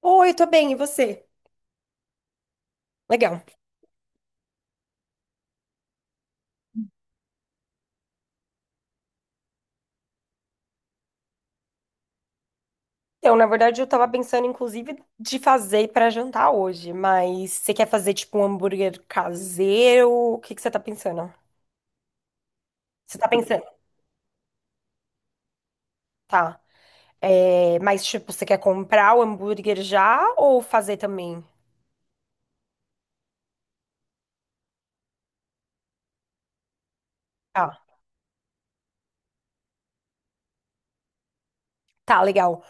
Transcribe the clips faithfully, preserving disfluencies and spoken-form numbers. Oi, tô bem, e você? Legal. Então, na verdade, eu tava pensando, inclusive, de fazer pra jantar hoje, mas você quer fazer, tipo, um hambúrguer caseiro? O que que você tá pensando? Você tá pensando, tá. É, mas, tipo, você quer comprar o hambúrguer já ou fazer também? Ah, tá, legal.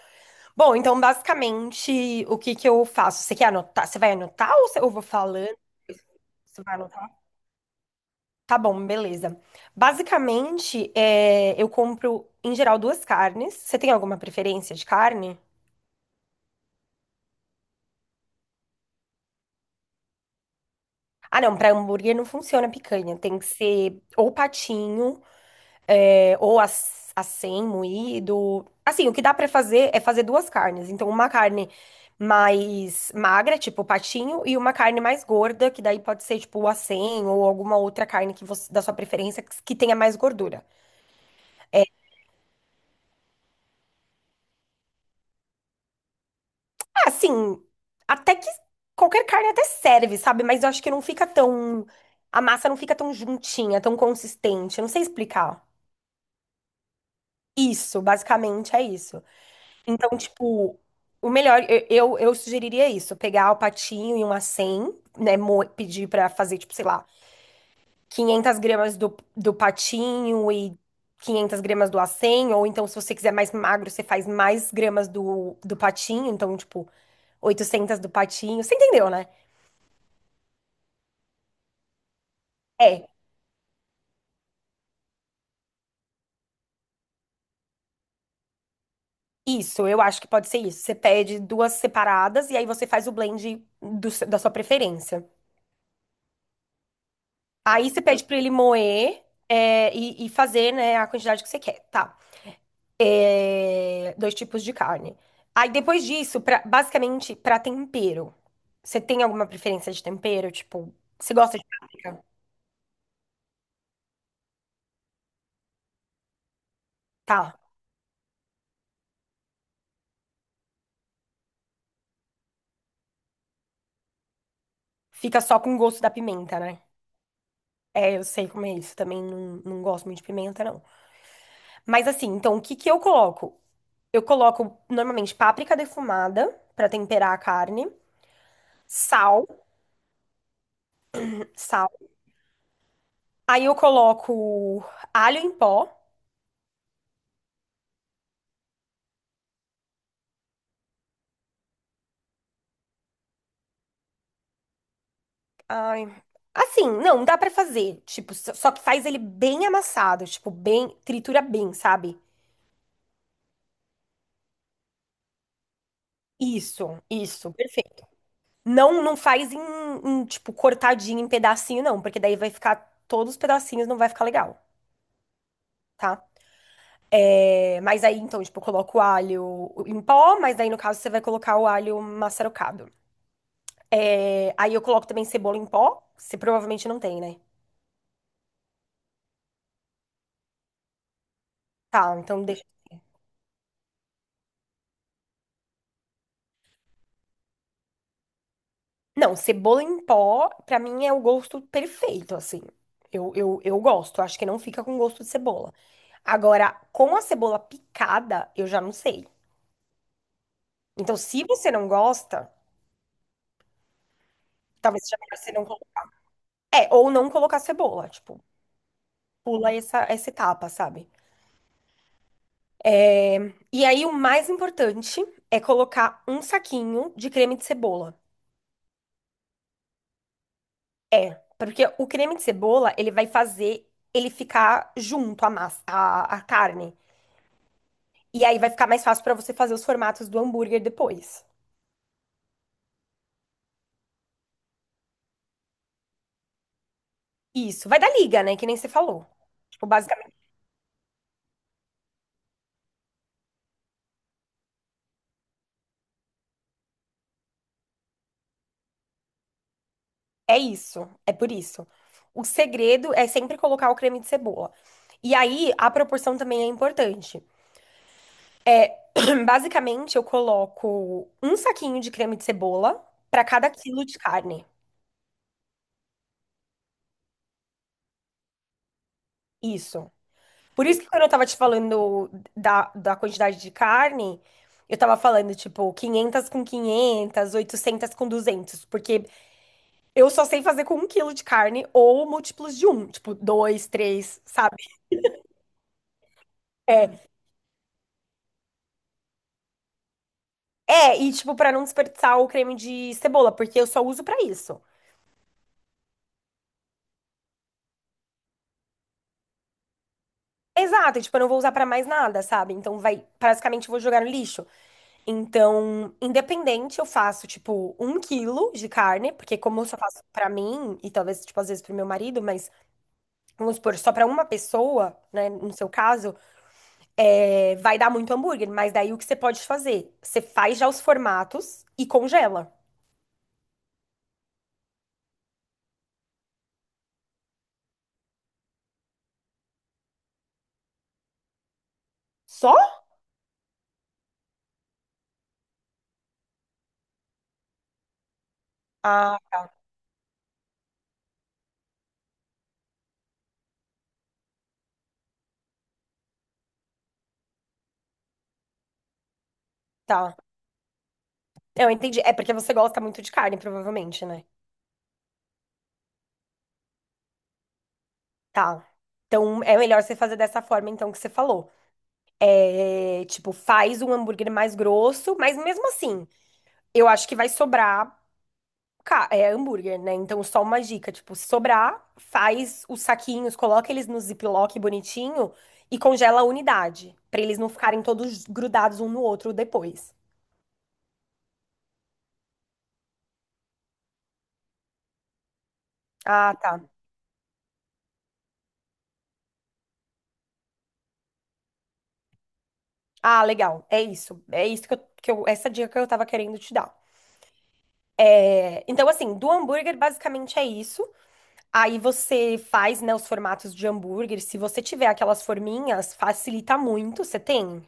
Bom, então, basicamente, o que que eu faço? Você quer anotar? Você vai anotar ou você- eu vou falando? Você vai anotar? Tá bom, beleza. Basicamente, é, eu compro, em geral, duas carnes. Você tem alguma preferência de carne? Ah, não, pra hambúrguer não funciona a picanha. Tem que ser ou patinho, é, ou as- acém, moído. Assim, o que dá pra fazer é fazer duas carnes. Então, uma carne mais magra, tipo patinho, e uma carne mais gorda, que daí pode ser, tipo, o acém ou alguma outra carne que você, da sua preferência que que tenha mais gordura. Ah, assim, até que qualquer carne até serve, sabe? Mas eu acho que não fica tão. A massa não fica tão juntinha, tão consistente. Eu não sei explicar. Isso, basicamente é isso. Então, tipo, o melhor, eu, eu, eu sugeriria isso: pegar o patinho e um cem, né? mo- Pedir pra fazer, tipo, sei lá, quinhentos gramas do, do patinho e quinhentos gramas do acém. Ou então, se você quiser mais magro, você faz mais gramas do, do patinho. Então, tipo, oitocentos do patinho. Você entendeu, né? É, isso, eu acho que pode ser isso. Você pede duas separadas e aí você faz o blend do se- da sua preferência. Aí você pede pra ele moer é, e, e fazer, né, a quantidade que você quer, tá? É, dois tipos de carne. Aí depois disso, pra- basicamente, pra tempero. Você tem alguma preferência de tempero? Tipo, você gosta de páprica? Tá. Fica só com o gosto da pimenta, né? É, eu sei como é isso. Também não, não gosto muito de pimenta, não. Mas assim, então o que que eu coloco? Eu coloco normalmente páprica defumada pra temperar a carne, sal, sal. Aí eu coloco alho em pó. Ai, assim, não, dá pra fazer, tipo, só só que faz ele bem amassado, tipo, bem, tritura bem, sabe? Isso, isso, perfeito. Não, não faz em, em, tipo cortadinho em pedacinho não, porque daí vai ficar todos os pedacinhos, não vai ficar legal. Tá? É, mas aí, então, tipo, eu coloco o alho em pó, mas aí, no caso, você vai colocar o alho maçarocado. É, aí eu coloco também cebola em pó. Você provavelmente não tem, né? Tá, então deixa. Não, cebola em pó, pra mim é o gosto perfeito, assim. Eu, eu, eu gosto, acho que não fica com gosto de cebola. Agora, com a cebola picada, eu já não sei. Então, se você não gosta, talvez seja melhor você não colocar. É, ou não colocar cebola, tipo, pula essa, essa etapa, sabe? E aí, o mais importante é colocar um saquinho de creme de cebola. É, porque o creme de cebola, ele vai fazer ele ficar junto à massa, à, à carne. E aí vai ficar mais fácil pra você fazer os formatos do hambúrguer depois. Isso, vai dar liga, né? Que nem você falou. Tipo, basicamente é isso, é por isso. O segredo é sempre colocar o creme de cebola. E aí a proporção também é importante. É, basicamente eu coloco um saquinho de creme de cebola pra cada quilo de carne. Isso. Por isso que quando eu tava te falando da, da quantidade de carne, eu tava falando, tipo, quinhentas com quinhentas, oitocentas com duzentos, porque eu só sei fazer com um quilo de carne ou múltiplos de um, tipo, dois, três, sabe? É, é, e, tipo, pra não desperdiçar o creme de cebola, porque eu só uso pra isso. Exato, e, tipo, eu não vou usar pra mais nada, sabe? Então vai, basicamente, eu vou jogar no lixo. Então, independente, eu faço, tipo, um quilo de carne, porque como eu só faço pra mim, e talvez, tipo, às vezes pro meu marido, mas vamos supor, só para uma pessoa, né, no seu caso, é, vai dar muito hambúrguer, mas daí o que você pode fazer? Você faz já os formatos e congela. Só? Ah, tá. Tá. Eu entendi. É porque você gosta muito de carne, provavelmente, né? Tá. Então é melhor você fazer dessa forma, então, que você falou. É, tipo, faz um hambúrguer mais grosso, mas mesmo assim, eu acho que vai sobrar. Ca- É hambúrguer, né? Então, só uma dica, tipo, se sobrar, faz os saquinhos, coloca eles no ziploc bonitinho e congela a unidade, pra eles não ficarem todos grudados um no outro depois. Ah, tá. Ah, legal. É isso. É isso que eu, que eu- essa dica que eu tava querendo te dar. É, então, assim, do hambúrguer basicamente é isso. Aí você faz, né, os formatos de hambúrguer. Se você tiver aquelas forminhas, facilita muito. Você tem?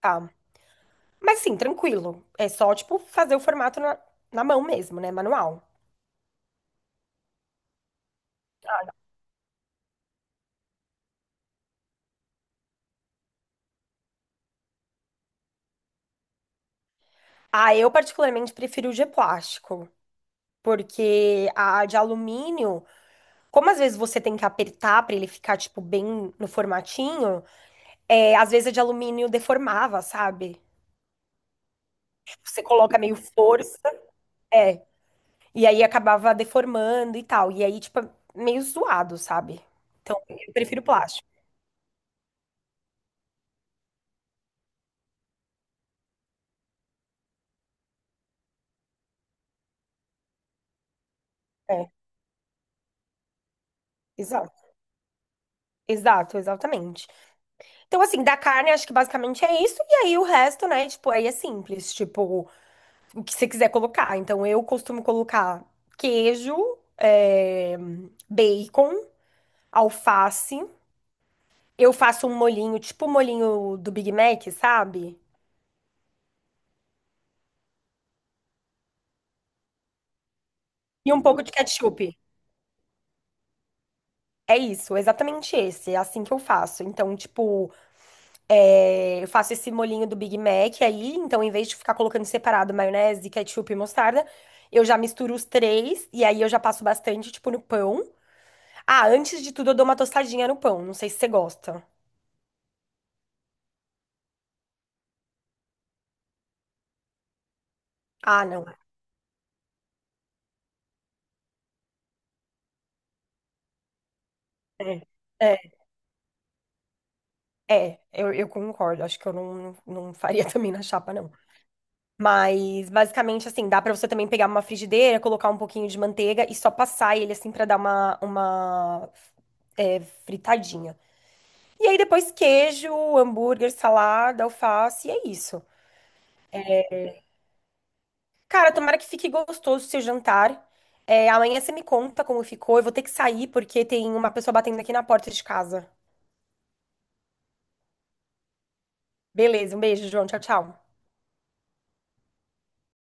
Tá. Mas assim, tranquilo. É só, tipo, fazer o formato na, na mão mesmo, né? Manual. Ah, eu particularmente prefiro o de plástico, porque a de alumínio, como às vezes você tem que apertar pra ele ficar, tipo, bem no formatinho, é, às vezes a de alumínio deformava, sabe? Tipo, você coloca meio força, é, e aí acabava deformando e tal. E aí, tipo, é meio zoado, sabe? Então, eu prefiro plástico. É, exato. Exato, exatamente. Então, assim, da carne, acho que basicamente é isso. E aí o resto, né? Tipo, aí é simples. Tipo, o que você quiser colocar. Então, eu costumo colocar queijo, eh, bacon, alface. Eu faço um molhinho, tipo o molhinho do Big Mac, sabe? E um pouco de ketchup. É isso, exatamente esse. É assim que eu faço. Então, tipo, é, eu faço esse molhinho do Big Mac aí, então em vez de ficar colocando separado maionese, ketchup e mostarda, eu já misturo os três e aí eu já passo bastante, tipo, no pão. Ah, antes de tudo eu dou uma tostadinha no pão, não sei se você gosta. Ah, não. É, é, é, eu, eu concordo, acho que eu não, não faria também na chapa, não. Mas basicamente assim, dá pra você também pegar uma frigideira, colocar um pouquinho de manteiga e só passar ele assim pra dar uma, uma é, fritadinha. E aí depois queijo, hambúrguer, salada, alface, e é isso. Cara, tomara que fique gostoso o seu jantar. É, amanhã você me conta como ficou. Eu vou ter que sair porque tem uma pessoa batendo aqui na porta de casa. Beleza, um beijo, João. Tchau, tchau.